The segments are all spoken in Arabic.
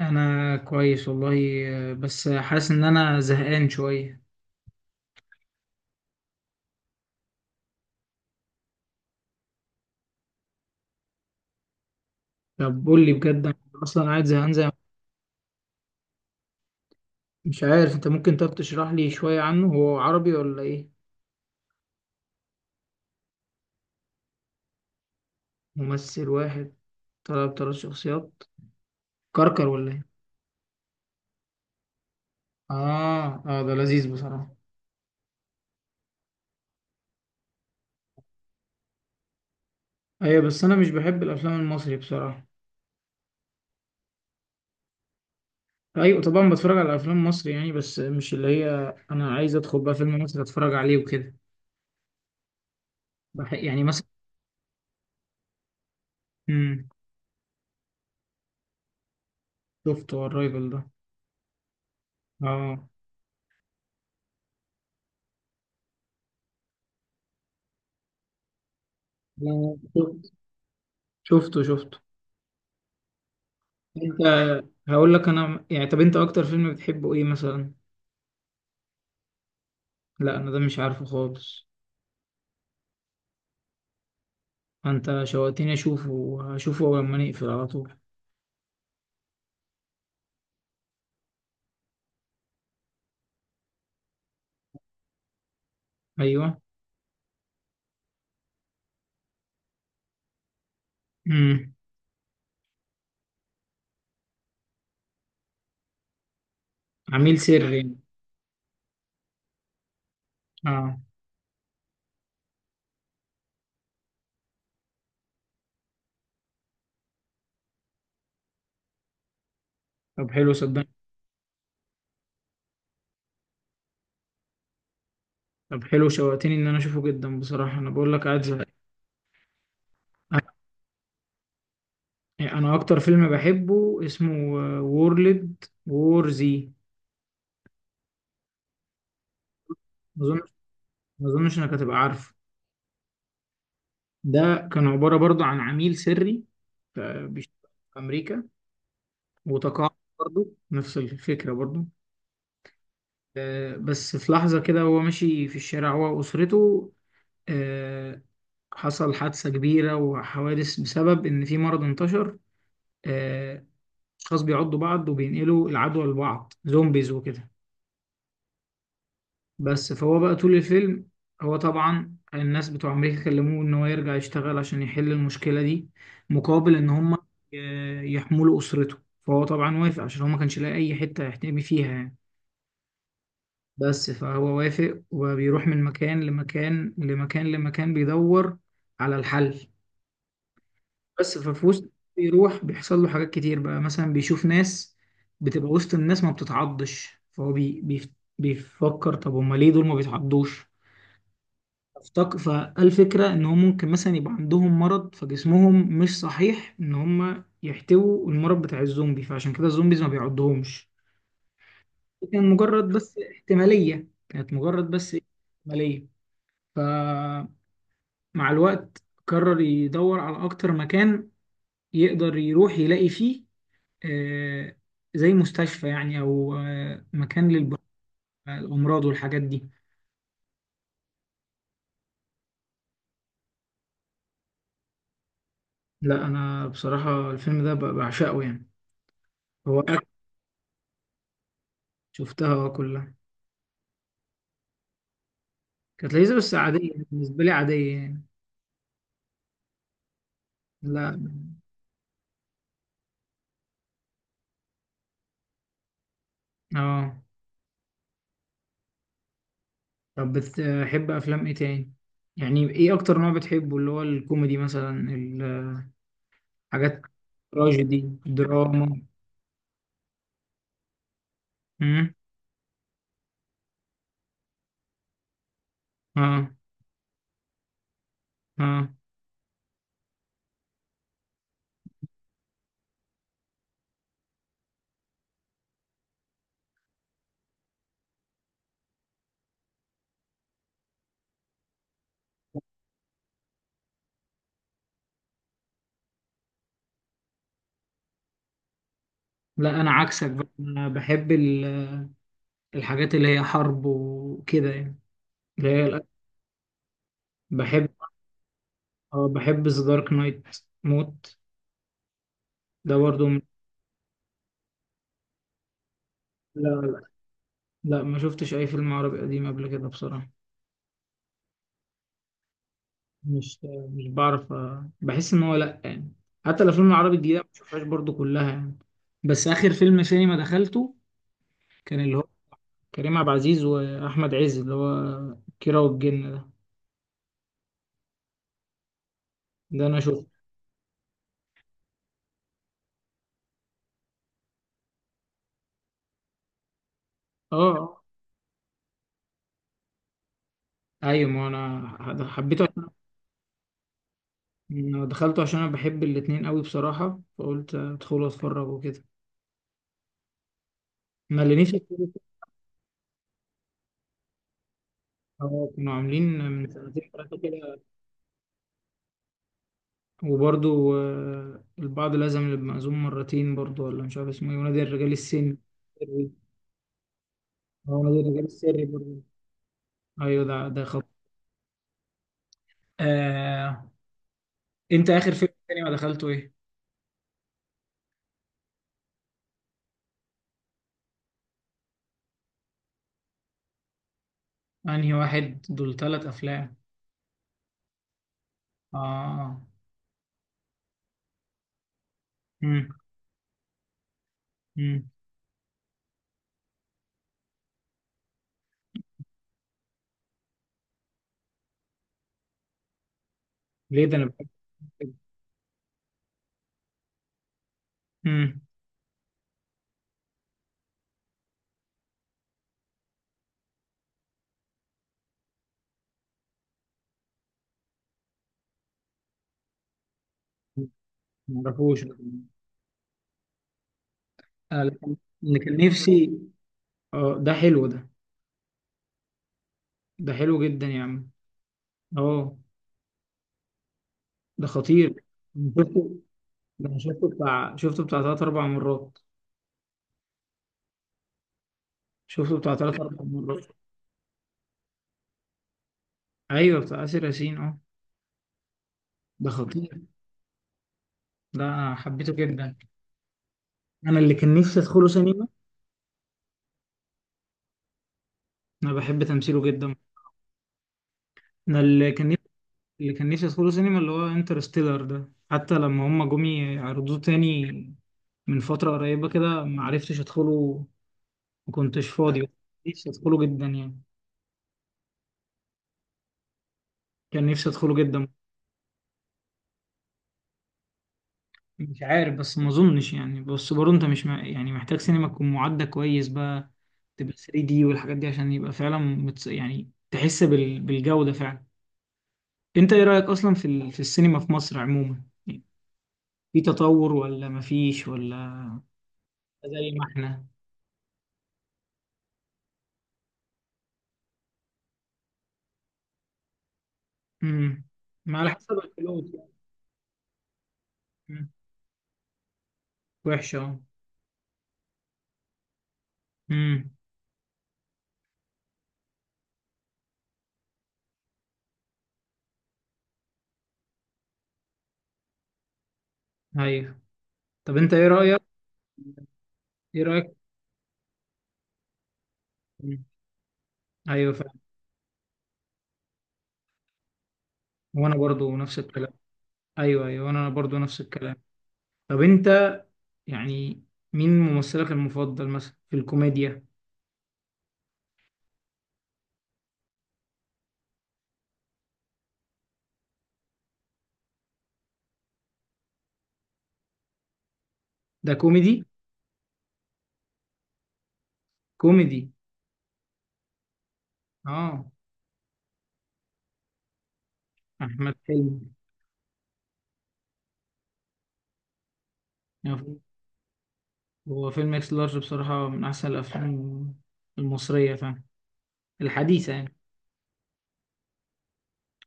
انا كويس والله. بس حاسس ان انا زهقان شويه. طب قول لي بجد، أنا اصلا قاعد زهقان زي. مش عارف انت، ممكن طب تشرح لي شويه عنه، هو عربي ولا ايه؟ ممثل واحد طلب ثلاث شخصيات، كركر ولا ايه؟ اه اه، ده لذيذ بصراحه. ايوه بس انا مش بحب الافلام المصري بصراحه. ايوه طبعا بتفرج على افلام مصري يعني، بس مش اللي هي. انا عايز ادخل بقى فيلم مصري اتفرج عليه وكده. يعني مثلا. امم. شفته الرايفل ده؟ اه. لا، شفته شفته شفته. انت، هقول لك انا يعني، طب انت اكتر فيلم بتحبه ايه مثلا؟ لا انا ده مش عارفه خالص. انت شوقتني اشوفه، وهشوفه لما نقفل على طول. ايوه. امم. عميل سري يعني. اه. طب حلو، صدقني. طب حلو، شوقتني ان انا اشوفه جدا بصراحه. انا بقول لك قاعد زهقان. انا اكتر فيلم بحبه اسمه وورلد وور زي. ما اظن ما اظنش انك هتبقى عارفه. ده كان عباره برضو عن عميل سري. بيشتغل في امريكا وتقاعد. برضو نفس الفكره برضو. بس في لحظة كده وهو ماشي في الشارع هو وأسرته، آه، حصل حادثة كبيرة وحوادث بسبب إن في مرض انتشر. آه، أشخاص بيعضوا بعض وبينقلوا العدوى لبعض، زومبيز وكده. بس فهو بقى طول الفيلم، هو طبعا الناس بتوع أمريكا كلموه إن هو يرجع يشتغل عشان يحل المشكلة دي، مقابل إن هم، يحملوا أسرته. فهو طبعا وافق عشان هو ما كانش لاقي أي حتة يحتمي فيها يعني. بس فهو وافق، وبيروح من مكان لمكان لمكان لمكان بيدور على الحل. بس ففي وسط بيروح بيحصل له حاجات كتير بقى، مثلا بيشوف ناس بتبقى وسط الناس ما بتتعضش، فهو بي بي بيفكر طب هما ليه دول ما بيتعضوش؟ افتكر فالفكرة ان هم ممكن مثلا يبقى عندهم مرض فجسمهم مش صحيح ان هم يحتووا المرض بتاع الزومبي، فعشان كده الزومبيز ما بيعضهمش. كانت مجرد بس احتمالية. مع الوقت قرر يدور على أكتر مكان يقدر يروح يلاقي فيه، آه، زي مستشفى يعني، أو مكان للأمراض والحاجات دي. لا أنا بصراحة الفيلم ده بعشقه يعني. هو أكتر. شفتها كلها. كانت لذيذة بس عادية بالنسبة لي، عادية يعني. لا. اه. طب بتحب أفلام إيه تاني؟ يعني إيه أكتر نوع بتحبه، اللي هو الكوميدي مثلا، الحاجات التراجيدي، الدراما؟ امم. اه اه. لا انا عكسك بقى، انا بحب الحاجات اللي هي حرب وكده يعني، اللي هي بحب. اه بحب ذا دارك نايت موت. ده برضو من... لا لا لا، ما شفتش اي فيلم عربي قديم قبل كده بصراحة. مش مش بعرف بحس ان هو لا يعني. حتى الافلام العربي الجديدة ما بشوفهاش برضو كلها يعني. بس اخر فيلم سينما دخلته كان اللي هو كريم عبد العزيز واحمد عز، اللي هو كيرة والجن ده. ده انا شفته. اه. آه. ايوه، ما انا حبيته. أنا دخلته عشان انا بحب الاتنين قوي بصراحة، فقلت ادخل اتفرج وكده. ما اللي نفسي أدخله. هو كانوا عاملين من سنتين ثلاثة كده، وبرضو البعض لازم يبقى مأذون مرتين، برضو ولا مش عارف اسمه ايه، ونادي الرجال السري. هو نادي الرجال السري برضو. ايوه، ده آه. انت اخر فيلم تاني ما دخلته ايه؟ انهي واحد، دول ثلاث افلام. اه. امم. امم. ليه؟ ده انا بحب كده. امم. معرفوش. آه، لكن- اللي كان نفسي. اه ده حلو ده، ده حلو جدا يا عم. اه ده خطير. شفته. ده أنا شفته بتاع، شفته بتاع تلات أربع مرات، شفته بتاع تلات أربع مرات. أيوه بتاع آسر ياسين، اه. ده خطير. ده أنا حبيته جدا. أنا اللي كان نفسي أدخله سينما. أنا بحب تمثيله جدا. أنا اللي كان نفسي أدخله سينما، اللي هو انترستيلر ده، حتى لما هما جم يعرضوه تاني من فترة قريبة كده ما عرفتش أدخله، ما كنتش فاضي. بس نفسي أدخله جدا يعني، كان نفسي أدخله جدا. مش عارف بس ما اظنش يعني. بس برضه انت مش مع... يعني محتاج سينما تكون معدة كويس بقى، تبقى 3D دي والحاجات دي عشان يبقى فعلا يعني تحس بالجودة فعلا. انت ايه رأيك اصلا في في السينما في مصر عموما يعني، في تطور ولا مفيش؟ ولا زي ما احنا. امم. ما على حسب الفلوس يعني. مم. وحشة، اه. امم. ايوه. طب انت ايه رأيك، ايه رأيك؟ مم. ايوه فعلا. وانا برضو نفس الكلام. ايوه ايوه، انا برضو نفس الكلام. طب انت يعني، مين ممثلك المفضل مثلا في الكوميديا؟ ده كوميدي. كوميدي، اه. احمد حلمي. يعني هو فيلم اكس لارج بصراحة من احسن الافلام المصرية، فاهم، الحديثة يعني.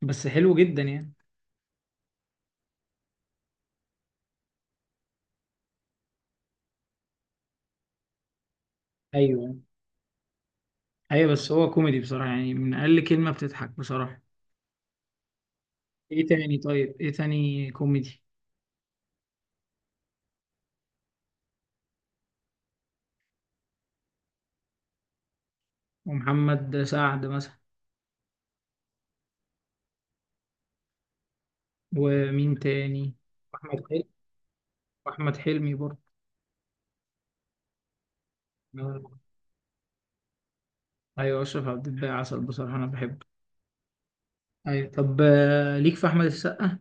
بس حلو جدا يعني. ايوه ايوه، بس هو كوميدي بصراحة يعني، من اقل كلمة بتضحك بصراحة. ايه تاني؟ طيب ايه تاني كوميدي؟ ومحمد سعد مثلا؟ ومين تاني؟ احمد حلمي. واحمد حلمي برضه. ايوه، اشرف عبد الباقي عسل بصراحة، انا بحبه. ايوه. طب ليك في احمد السقا؟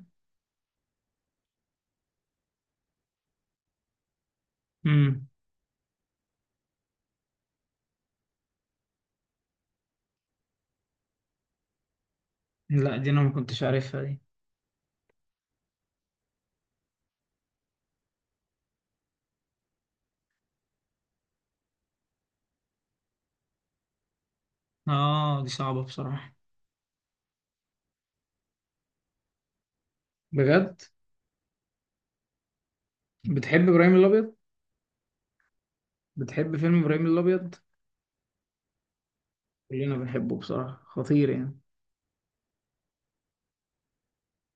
امم. لا دي انا ما كنتش عارفها دي. اه دي صعبة بصراحة. بجد. بتحب ابراهيم الابيض؟ بتحب فيلم ابراهيم الابيض؟ كلنا بنحبه بصراحة، خطير يعني.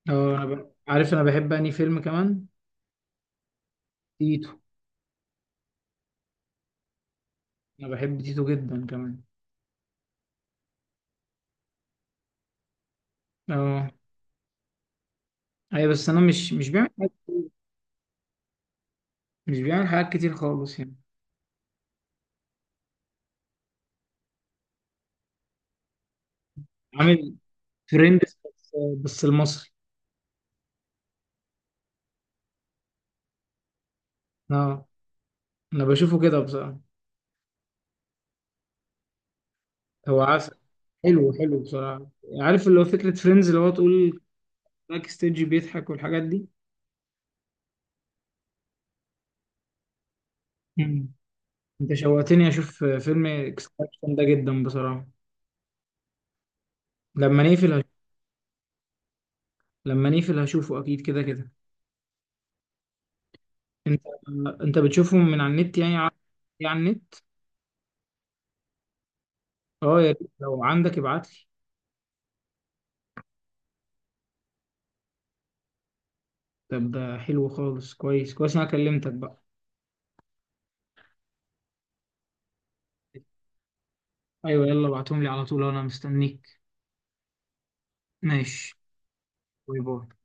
اه انا عارف انا بحب انهي فيلم كمان، تيتو. انا بحب تيتو جدا كمان. اه. ايوه بس انا مش بيعمل حاجات كتير، مش بيعمل حاجات كتير خالص يعني. عامل ترند بس. بس المصري، اه، انا بشوفه كده بصراحة. هو عسل، حلو حلو بصراحة. عارف اللي هو فكرة فريندز، اللي هو تقول باك ستيج بيضحك والحاجات دي؟ مم. انت شوقتني اشوف فيلم اكستراكشن ده جدا بصراحة. لما نقفل لما نقفل هشوفه اكيد، كده كده. انت انت بتشوفهم من على النت يعني، يعني على النت. اه يا ريت لو عندك ابعت لي. طب ده حلو خالص، كويس كويس، انا كلمتك بقى. ايوه، يلا ابعتهم لي على طول انا مستنيك. ماشي. باي باي.